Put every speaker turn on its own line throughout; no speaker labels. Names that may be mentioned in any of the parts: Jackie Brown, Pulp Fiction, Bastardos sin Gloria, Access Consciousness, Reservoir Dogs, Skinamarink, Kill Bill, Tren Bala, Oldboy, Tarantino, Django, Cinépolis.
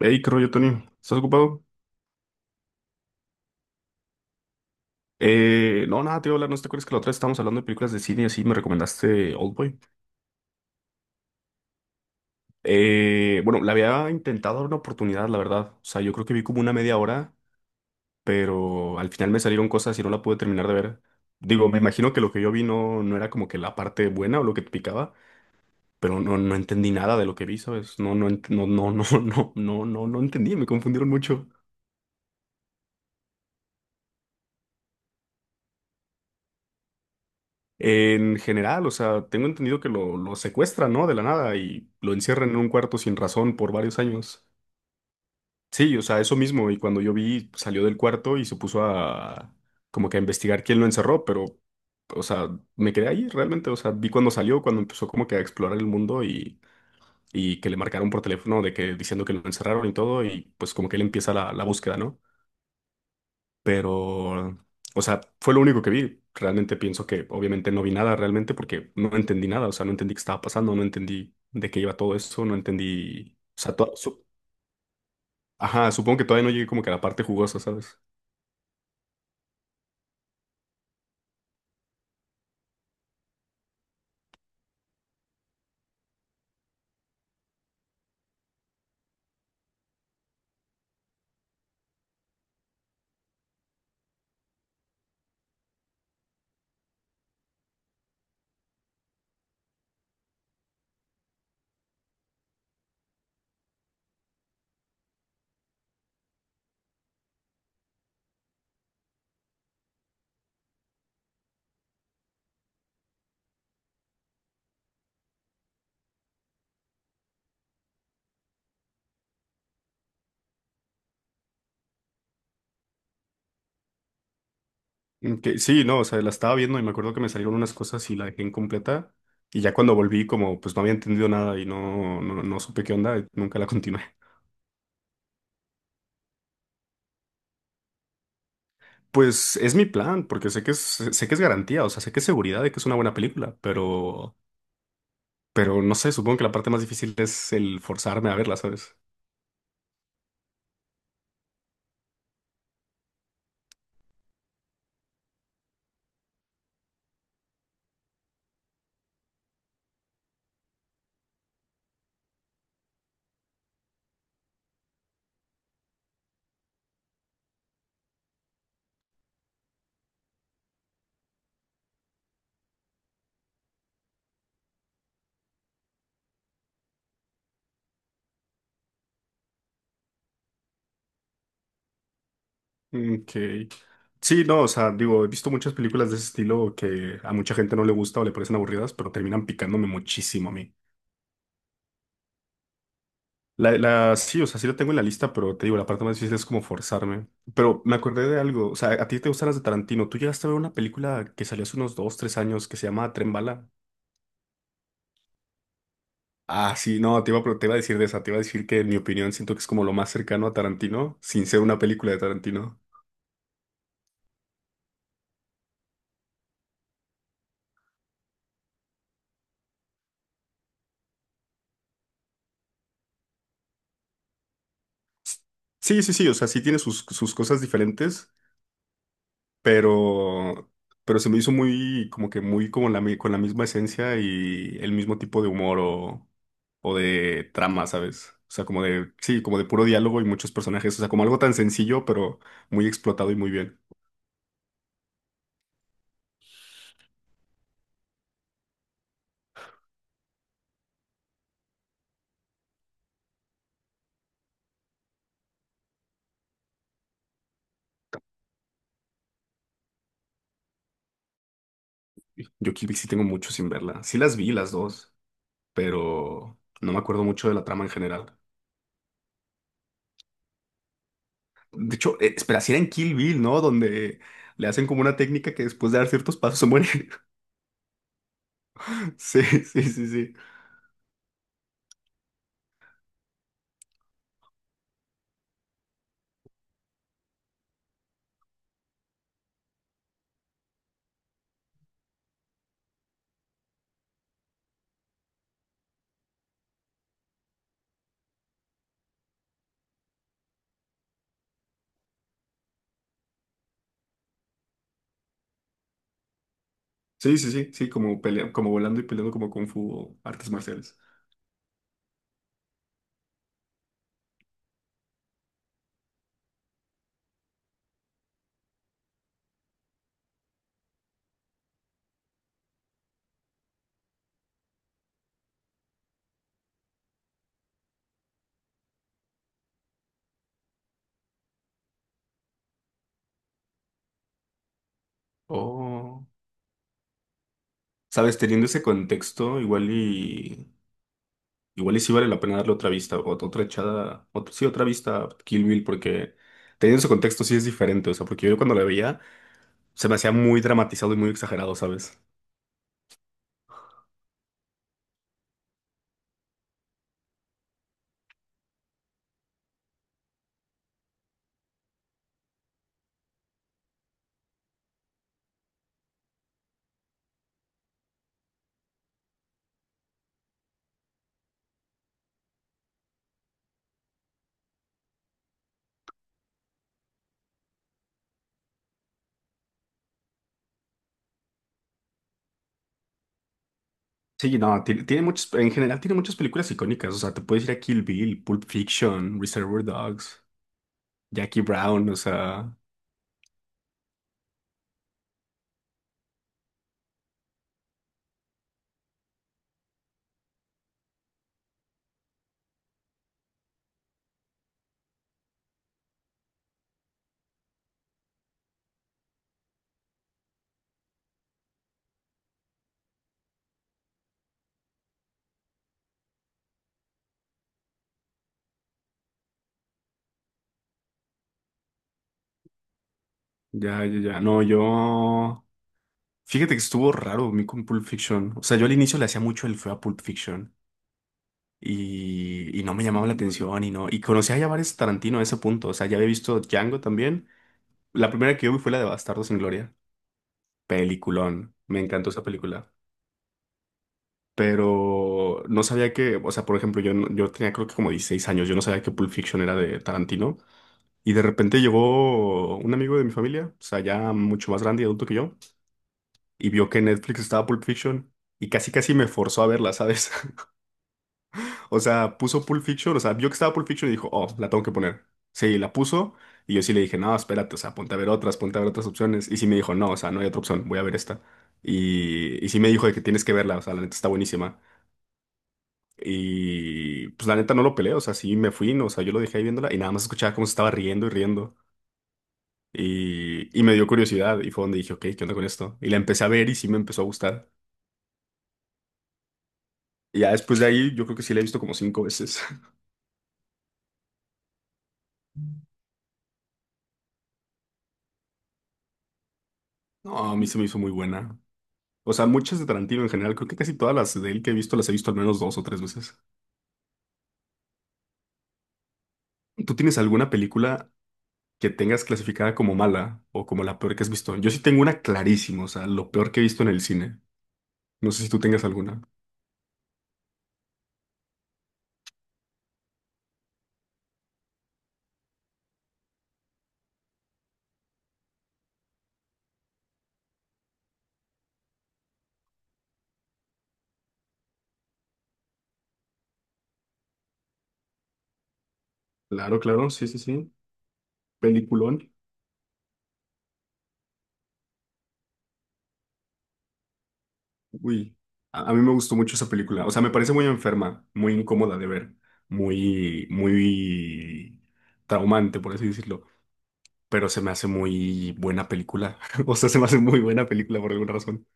Hey, ¿qué rollo, Tony? ¿Estás ocupado? No, nada, te iba a hablar, ¿no te acuerdas que la otra vez estábamos hablando de películas de cine y así me recomendaste Oldboy? Bueno, le había intentado dar una oportunidad, la verdad. O sea, yo creo que vi como una media hora, pero al final me salieron cosas y no la pude terminar de ver. Digo, me imagino que lo que yo vi no era como que la parte buena o lo que te picaba, pero no entendí nada de lo que vi, ¿sabes? No, no, no, no, no, no, no, no, no entendí, me confundieron mucho. En general, o sea, tengo entendido que lo secuestran, ¿no? De la nada y lo encierran en un cuarto sin razón por varios años. Sí, o sea, eso mismo. Y cuando yo vi, salió del cuarto y se puso a como que a investigar quién lo encerró, pero, o sea, me quedé ahí realmente. O sea, vi cuando salió, cuando empezó como que a explorar el mundo y que le marcaron por teléfono de que diciendo que lo encerraron y todo, y pues como que él empieza la búsqueda, ¿no? Pero, o sea, fue lo único que vi. Realmente pienso que obviamente no vi nada realmente porque no entendí nada, o sea, no entendí qué estaba pasando, no entendí de qué iba todo eso, no entendí, o sea, ajá, supongo que todavía no llegué como que a la parte jugosa, ¿sabes? Que sí, no, o sea, la estaba viendo y me acuerdo que me salieron unas cosas y la dejé incompleta y ya cuando volví como pues no había entendido nada y no, no, no supe qué onda, y nunca la continué. Pues es mi plan, porque sé que es garantía, o sea, sé que es seguridad de que es una buena película, pero no sé, supongo que la parte más difícil es el forzarme a verla, ¿sabes? Que sí, no, o sea, digo, he visto muchas películas de ese estilo que a mucha gente no le gusta o le parecen aburridas, pero terminan picándome muchísimo a mí. La, sí, o sea, sí la tengo en la lista, pero te digo, la parte más difícil es como forzarme. Pero me acordé de algo, o sea, a ti te gustan las de Tarantino. ¿Tú llegaste a ver una película que salió hace unos dos, tres años que se llama Tren Bala? Ah, sí, no, te iba, te iba a decir de esa, te iba a decir que en mi opinión siento que es como lo más cercano a Tarantino, sin ser una película de Tarantino. Sí, sí, sí, o sea, sí tiene sus cosas diferentes, pero, pero se me hizo muy, como que muy como con la misma esencia y el mismo tipo de humor o de trama, ¿sabes? O sea, como de, sí, como de puro diálogo y muchos personajes, o sea, como algo tan sencillo, pero muy explotado y muy bien. Yo Kill Bill sí tengo mucho sin verla. Sí las vi las dos, pero no me acuerdo mucho de la trama en general. De hecho, espera, si era en Kill Bill, ¿no? Donde le hacen como una técnica que después de dar ciertos pasos se muere. Sí, sí, sí, sí. Sí, sí, sí, sí, como como volando y peleando como Kung Fu o artes marciales. Oh. Sabes, teniendo ese contexto, igual y igual y sí vale la pena darle otra vista, otra echada, sí, otra vista a Kill Bill, porque teniendo ese contexto sí es diferente, o sea, porque yo cuando la veía se me hacía muy dramatizado y muy exagerado, ¿sabes? Sí, no, tiene, muchas, en general tiene muchas películas icónicas, o sea, te puedes ir a Kill Bill, Pulp Fiction, Reservoir Dogs, Jackie Brown, o sea, ya, ya, ya, no, yo, fíjate que estuvo raro a mí con Pulp Fiction, o sea, yo al inicio le hacía mucho el feo a Pulp Fiction y no me llamaba la atención y no, y conocía ya varios Tarantino a ese punto, o sea, ya había visto Django también, la primera que yo vi fue la de Bastardos sin Gloria, peliculón, me encantó esa película. Pero no sabía que, o sea, por ejemplo, yo, yo tenía creo que como 16 años, yo no sabía que Pulp Fiction era de Tarantino, y de repente llegó un amigo de mi familia, o sea, ya mucho más grande y adulto que yo, y vio que en Netflix estaba Pulp Fiction, y casi casi me forzó a verla, ¿sabes? O sea, puso Pulp Fiction, o sea, vio que estaba Pulp Fiction y dijo, oh, la tengo que poner. Sí, la puso, y yo sí le dije, no, espérate, o sea, ponte a ver otras, ponte a ver otras opciones, y sí me dijo, no, o sea, no hay otra opción, voy a ver esta. Y sí me dijo de que tienes que verla, o sea, la neta está buenísima. Y pues la neta no lo peleé, o sea, sí me fui, no, o sea, yo lo dejé ahí viéndola y nada más escuchaba cómo se estaba riendo y riendo. Y me dio curiosidad y fue donde dije, ok, ¿qué onda con esto? Y la empecé a ver y sí me empezó a gustar. Y ya después de ahí yo creo que sí la he visto como cinco veces. No, a mí se me hizo muy buena. O sea, muchas de Tarantino en general, creo que casi todas las de él que he visto las he visto al menos dos o tres veces. ¿Tú tienes alguna película que tengas clasificada como mala o como la peor que has visto? Yo sí tengo una clarísima, o sea, lo peor que he visto en el cine. No sé si tú tengas alguna. Claro, claro, sí, sí, sí. Peliculón. Uy, a mí me gustó mucho esa película. O sea, me parece muy enferma, muy incómoda de ver, muy, muy traumante, por así decirlo. Pero se me hace muy buena película. O sea, se me hace muy buena película por alguna razón.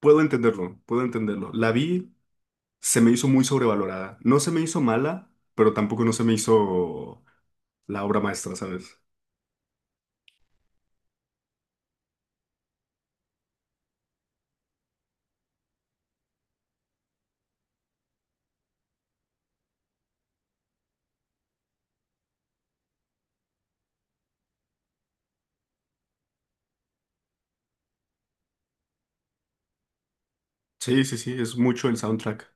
Puedo entenderlo, puedo entenderlo. La vi, se me hizo muy sobrevalorada. No se me hizo mala, pero tampoco no se me hizo la obra maestra, ¿sabes? Sí, sí, sí, es mucho el soundtrack.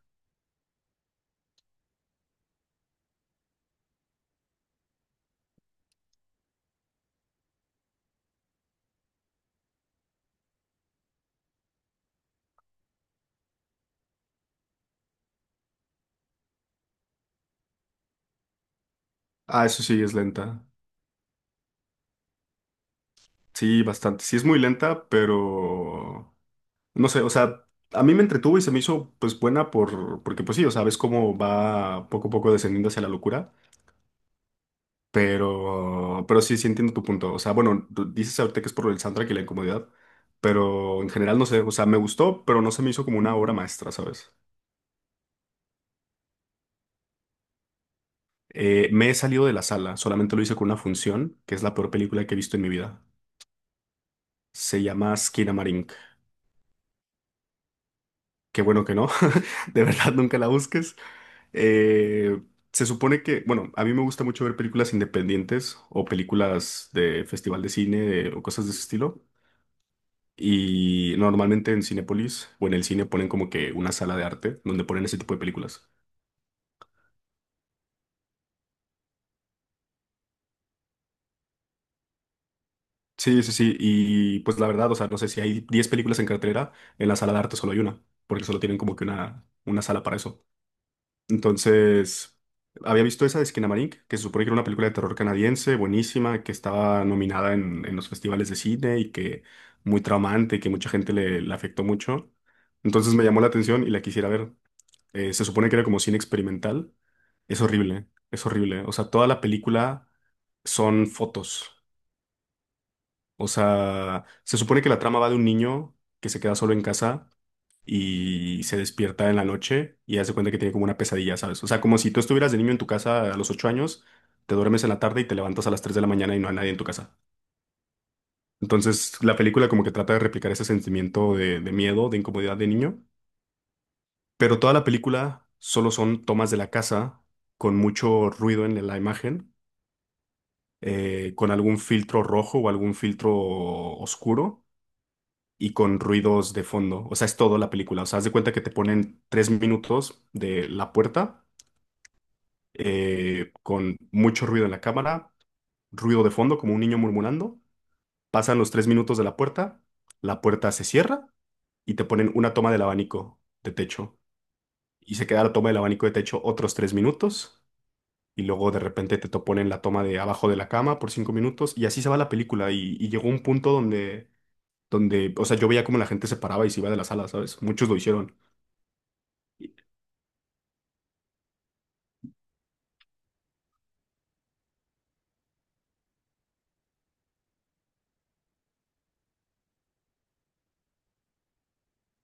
Ah, eso sí, es lenta. Sí, bastante. Sí, es muy lenta, pero... No sé, o sea, a mí me entretuvo y se me hizo pues buena por, porque pues sí, o sea, ves cómo va poco a poco descendiendo hacia la locura, pero sí, sí entiendo tu punto. O sea, bueno, tú dices ahorita que es por el soundtrack y la incomodidad, pero en general no sé, o sea, me gustó, pero no se me hizo como una obra maestra, ¿sabes? Me he salido de la sala, solamente lo hice con una función, que es la peor película que he visto en mi vida. Se llama Skinamarink. Qué bueno que no. De verdad, nunca la busques. Eh, Se supone que, bueno, a mí me gusta mucho ver películas independientes o películas de festival de cine o cosas de ese estilo. Y normalmente en Cinépolis o en el cine ponen como que una sala de arte donde ponen ese tipo de películas. Sí, sí, sí. Y pues la verdad, o sea, no sé si hay 10 películas en cartelera, en la sala de arte solo hay una, porque solo tienen como que una sala para eso. Entonces, había visto esa de Skinamarink, que se supone que era una película de terror canadiense, buenísima, que estaba nominada en los festivales de cine y que muy traumante, que mucha gente le, le afectó mucho. Entonces me llamó la atención y la quisiera ver. Se supone que era como cine experimental. Es horrible, es horrible. O sea, toda la película son fotos. O sea, se supone que la trama va de un niño que se queda solo en casa y se despierta en la noche y hace cuenta que tiene como una pesadilla, ¿sabes? O sea, como si tú estuvieras de niño en tu casa a los 8 años, te duermes en la tarde y te levantas a las 3 de la mañana y no hay nadie en tu casa. Entonces, la película como que trata de replicar ese sentimiento de miedo, de incomodidad de niño, pero toda la película solo son tomas de la casa con mucho ruido en la imagen, con algún filtro rojo o algún filtro oscuro y con ruidos de fondo. O sea, es todo la película. O sea, haz de cuenta que te ponen 3 minutos de la puerta con mucho ruido en la cámara, ruido de fondo como un niño murmurando. Pasan los 3 minutos de la puerta se cierra y te ponen una toma del abanico de techo. Y se queda la toma del abanico de techo otros 3 minutos. Y luego de repente te ponen la toma de abajo de la cama por 5 minutos. Y así se va la película. Y llegó un punto donde, donde, o sea, yo veía cómo la gente se paraba y se iba de la sala, ¿sabes? Muchos lo hicieron.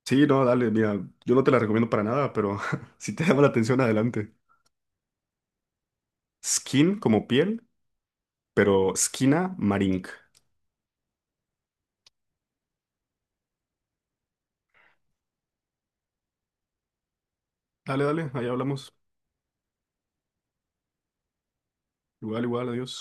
Sí, no, dale, mira, yo no te la recomiendo para nada, pero si te llama la atención, adelante. Skin como piel, pero Skina Marink. Dale, dale, ahí hablamos. Igual, igual, adiós.